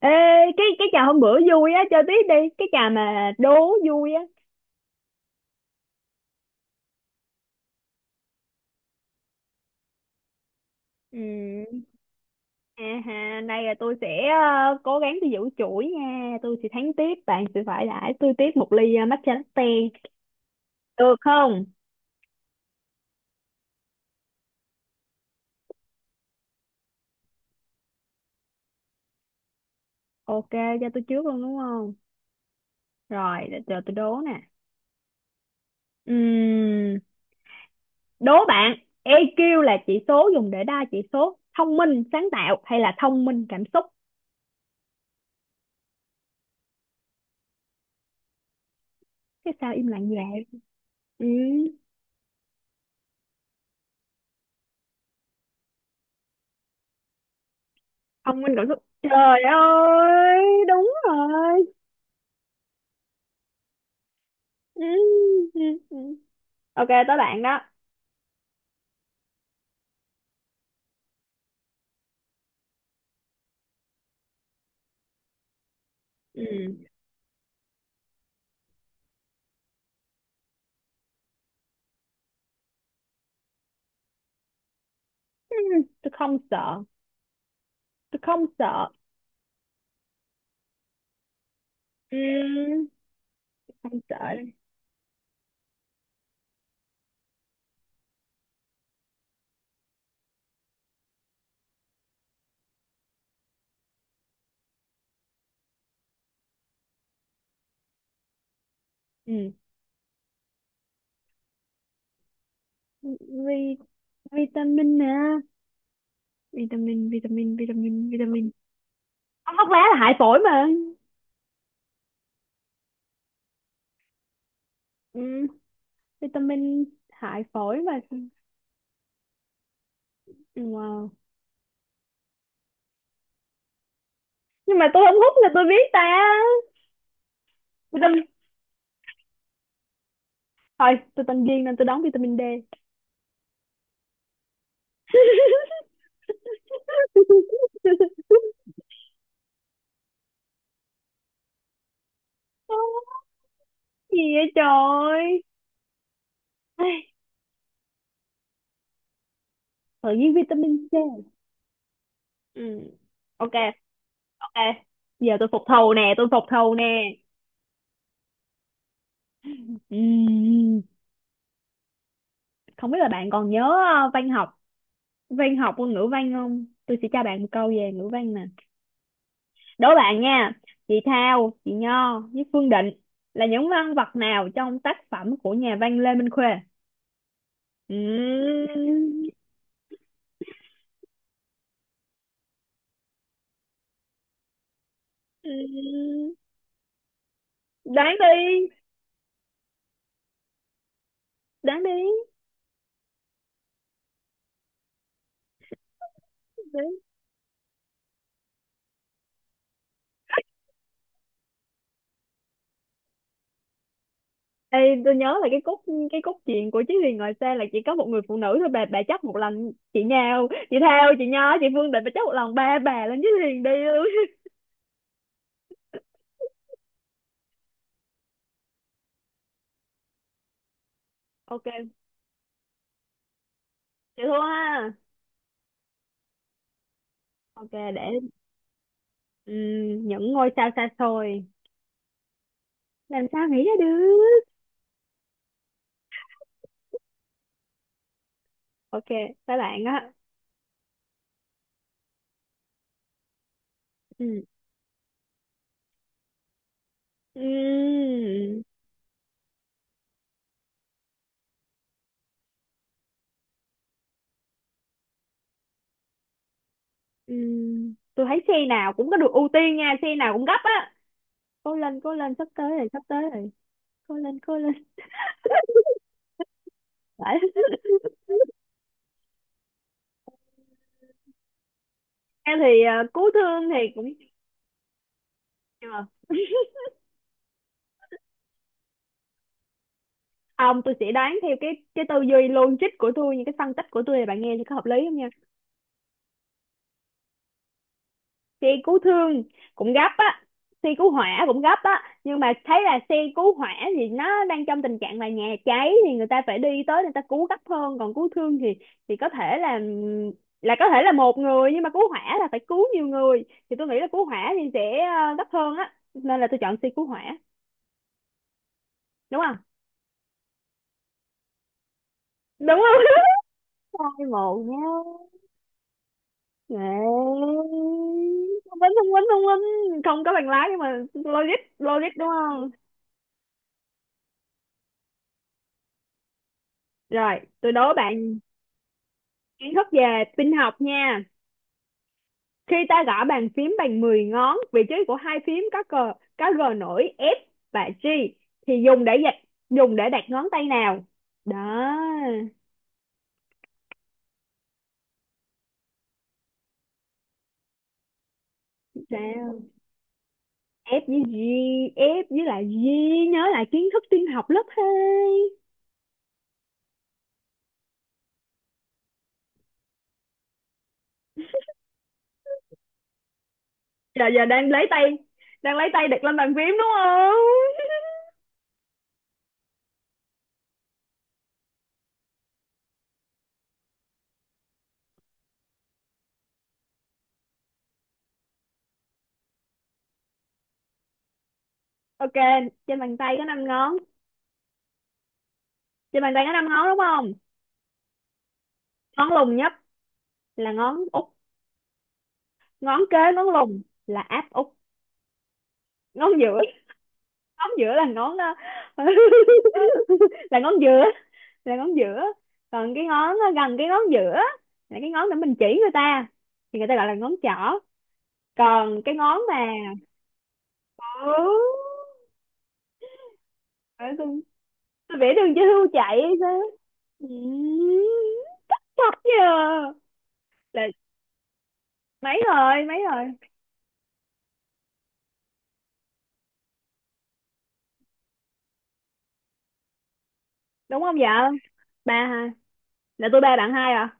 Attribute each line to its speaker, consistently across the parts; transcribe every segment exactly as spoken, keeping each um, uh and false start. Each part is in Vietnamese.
Speaker 1: Ê, cái cái trò hôm bữa vui á, chơi tiếp đi. Cái trò mà đố vui á. Ừ. À ha, đây là tôi sẽ ờ, cố gắng tôi giữ chuỗi nha. Tôi sẽ thắng tiếp, bạn sẽ phải đãi tôi tiếp một ly ờ, matcha latte. Được không? Ok, cho tôi trước luôn đúng không? Rồi, để chờ tôi đố nè. Ừm, đố bạn, i kiu là chỉ số dùng để đo chỉ số thông minh, sáng tạo hay là thông minh, cảm xúc? Thế sao im lặng như vậy? Ừ. Ông Minh Cẩu Thúc trời ơi đúng rồi. Ừ, ừ, ừ. Ok tới bạn đó. Ừ. Ừ. Tôi không sợ, tôi không sợ. Ừ. Không sợ đâu. Ừ. Vi vitamin nè, vitamin vitamin vitamin vitamin Ông thuốc lá là hại phổi mà. Ừ. Vitamin hại phổi mà. Ừ, wow. Nhưng mà tôi không hút là tôi biết ta. Vitamin, thôi tôi tên Duyên nên tôi đón vitamin D. Gì vậy trời. Ai, tự nhiên vitamin C. Ừ. Ok, ok. Giờ tôi phục thù nè, tôi phục thù nè. Ừm, không biết là bạn còn nhớ ờ, văn học, văn học ngôn ngữ văn không. Tôi sẽ cho bạn một câu về ngữ văn nè, đố bạn nha. Chị Thao, chị Nho với Phương Định là những nhân vật nào trong tác phẩm của nhà văn Lê Minh Khuê? Ừm, ừm, đoán đi, đoán đi. Ê, tôi nhớ là cái cốt cái cốt truyện của Chí Huyền ngoài xe là chỉ có một người phụ nữ thôi. bà bà chắc một lần chị Nhào, chị Thao, chị Nho, chị Phương Định, bà chắc một lần ba bà lên Chí Huyền đi luôn. Ok, chị thua ha. Ok, để ừm, những ngôi sao xa xôi, làm sao nghĩ ra được. Ok các bạn á. Ừm, ừm, ừm. tôi thấy xe nào cũng có được ưu tiên nha, xe nào cũng gấp á. Cố lên, cố lên, sắp tới rồi, sắp tới rồi. Cố lên, cố lên. Phải. Em thì à, cứu thương thì cũng chưa. Không, tôi sẽ đoán theo cái cái tư duy logic của tôi, những cái phân tích của tôi này bạn nghe thì có hợp lý không nha. Xe cứu thương cũng gấp á, xe cứu hỏa cũng gấp á, nhưng mà thấy là xe cứu hỏa thì nó đang trong tình trạng là nhà cháy thì người ta phải đi tới người ta cứu gấp hơn, còn cứu thương thì thì có thể là là có thể là một người, nhưng mà cứu hỏa là phải cứu nhiều người, thì tôi nghĩ là cứu hỏa thì sẽ ờ, gấp hơn á, nên là tôi chọn xe cứu hỏa, đúng không, đúng không? Hai một nhá. Đấy. Thông minh, thông minh, thông minh. Không có bằng lái nhưng mà logic, logic đúng không? Rồi, tôi đố bạn kiến thức về tin học nha. Khi ta gõ bàn phím bằng mười ngón, vị trí của hai phím có cờ, có G nổi F và G thì dùng để dịch, dùng để đặt ngón tay nào? Đó, sao? F với G, F với lại G, nhớ lại kiến thức tin học lớp hai. Giờ giờ đang lấy tay, đang lấy tay đặt lên bàn phím đúng không? Ok, trên bàn tay có năm ngón. Trên bàn tay có năm ngón đúng không? Ngón lùng nhất là ngón út, ngón kế ngón lùng là áp út, ngón giữa, ngón giữa là ngón ờ, là ngón giữa, là ngón giữa. Còn cái ngón ờ, gần cái ngón giữa là cái ngón để mình chỉ người ta thì người ta gọi là ngón trỏ. Còn cái ngón mà. Ừ, phải không? Tôi vẽ đường cho hươu chạy hay sao? Ừ, chắc nhờ. Là mấy rồi, mấy rồi. Đúng không vợ? Ba hả? Là tôi ba bạn hai à?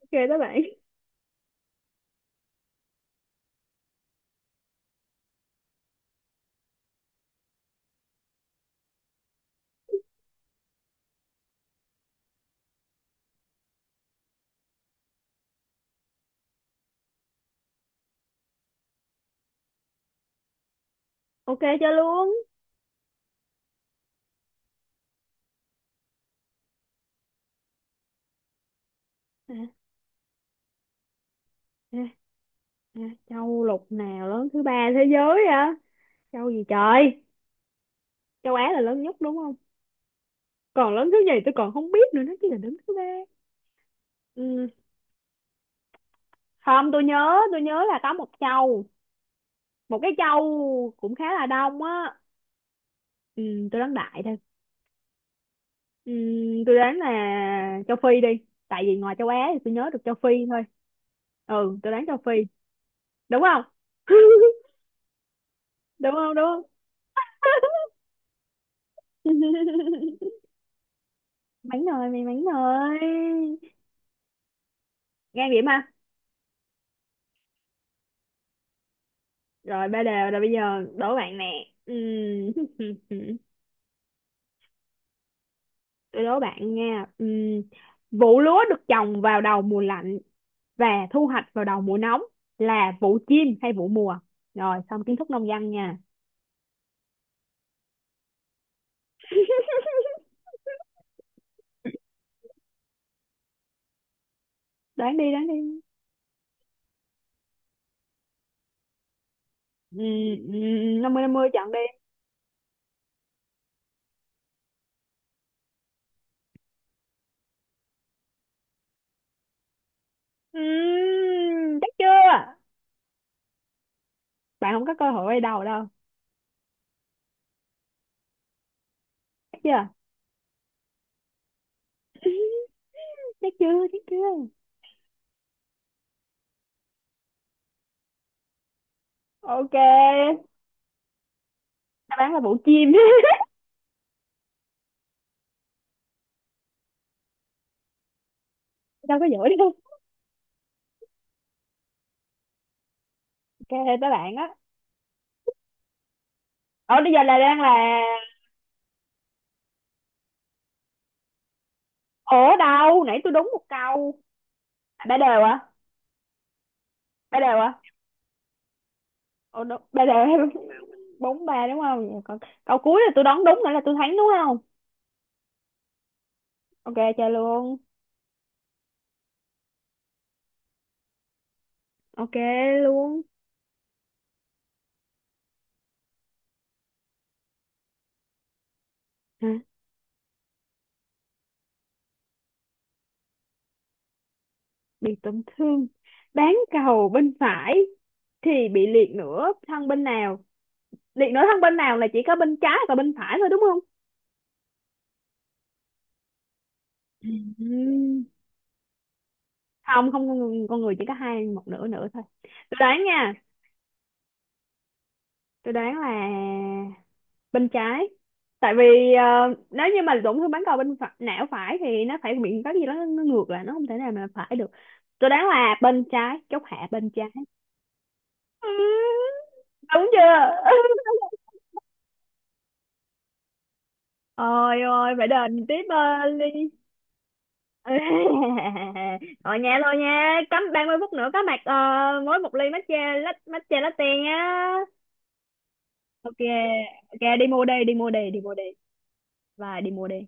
Speaker 1: Ok các bạn. Ok chơi luôn. à, à, à, châu lục nào lớn thứ ba thế giới hả? Châu gì trời. Châu Á là lớn nhất đúng không? Còn lớn thứ gì tôi còn không biết nữa, nó chỉ là lớn thứ ba. Ừ. Không, tôi nhớ tôi nhớ là có một châu, một cái châu cũng khá là đông á. Ừ, tôi đoán đại thôi. Ừ, tôi đoán là châu Phi đi, tại vì ngoài châu Á thì tôi nhớ được châu Phi thôi. Ừ, tôi đoán châu Phi, đúng không? Đúng không, đúng không? Mánh rồi mày, mánh rồi. Ngang điểm ha. Rồi ba đều rồi, bây giờ đố bạn nè. Ừm, Tôi đố bạn nha. Ừm, Vụ lúa được trồng vào đầu mùa lạnh và thu hoạch vào đầu mùa nóng là vụ chim hay vụ mùa? Rồi xong kiến thức nông dân nha. Đoán đi, đoán đi. Ừm, năm mươi năm mươi chọn đi. Ừm, Chắc chưa? Bạn không có cơ hội quay đầu đâu. Chắc chưa? Chắc chưa, chắc chưa? Ok. Đáp án là vụ chim. Đâu có giỏi đâu. Ok tới bạn á. Ở bây giờ là đang là. Ủa đâu? Nãy tôi đúng một câu. À, ba đều à? Ba đều à? Ủa, đúng. Ba đều hay bốn ba đúng không? Vậy còn câu cuối là tôi đoán đúng nữa là tôi thắng đúng không? Ok chơi luôn. Ok luôn. Hả? Bị tổn thương. Bán cầu bên phải thì bị liệt nửa thân bên nào? Liệt nửa thân bên nào là chỉ có bên trái và bên phải thôi đúng không? Ừm. Không không, con người, con người chỉ có hai một nửa nửa thôi. Tôi đoán nha. Tôi đoán là bên trái, tại vì ờ, nếu như mà tổn thương bán cầu bên phải, não phải thì nó phải bị có gì đó nó ngược lại, nó không thể nào mà phải được. Tôi đoán là bên trái, chốt hạ bên trái. Ừ, đúng chưa? Ôi ôi, phải đền tiếp ờ, ly. Rồi nha, thôi nha, cắm ba mươi phút nữa có mặt ờ, mỗi một ly matcha lat matcha latte nha. Ok. Ok đi mua đi, đi mua đi, đi mua đi. Và đi mua đi.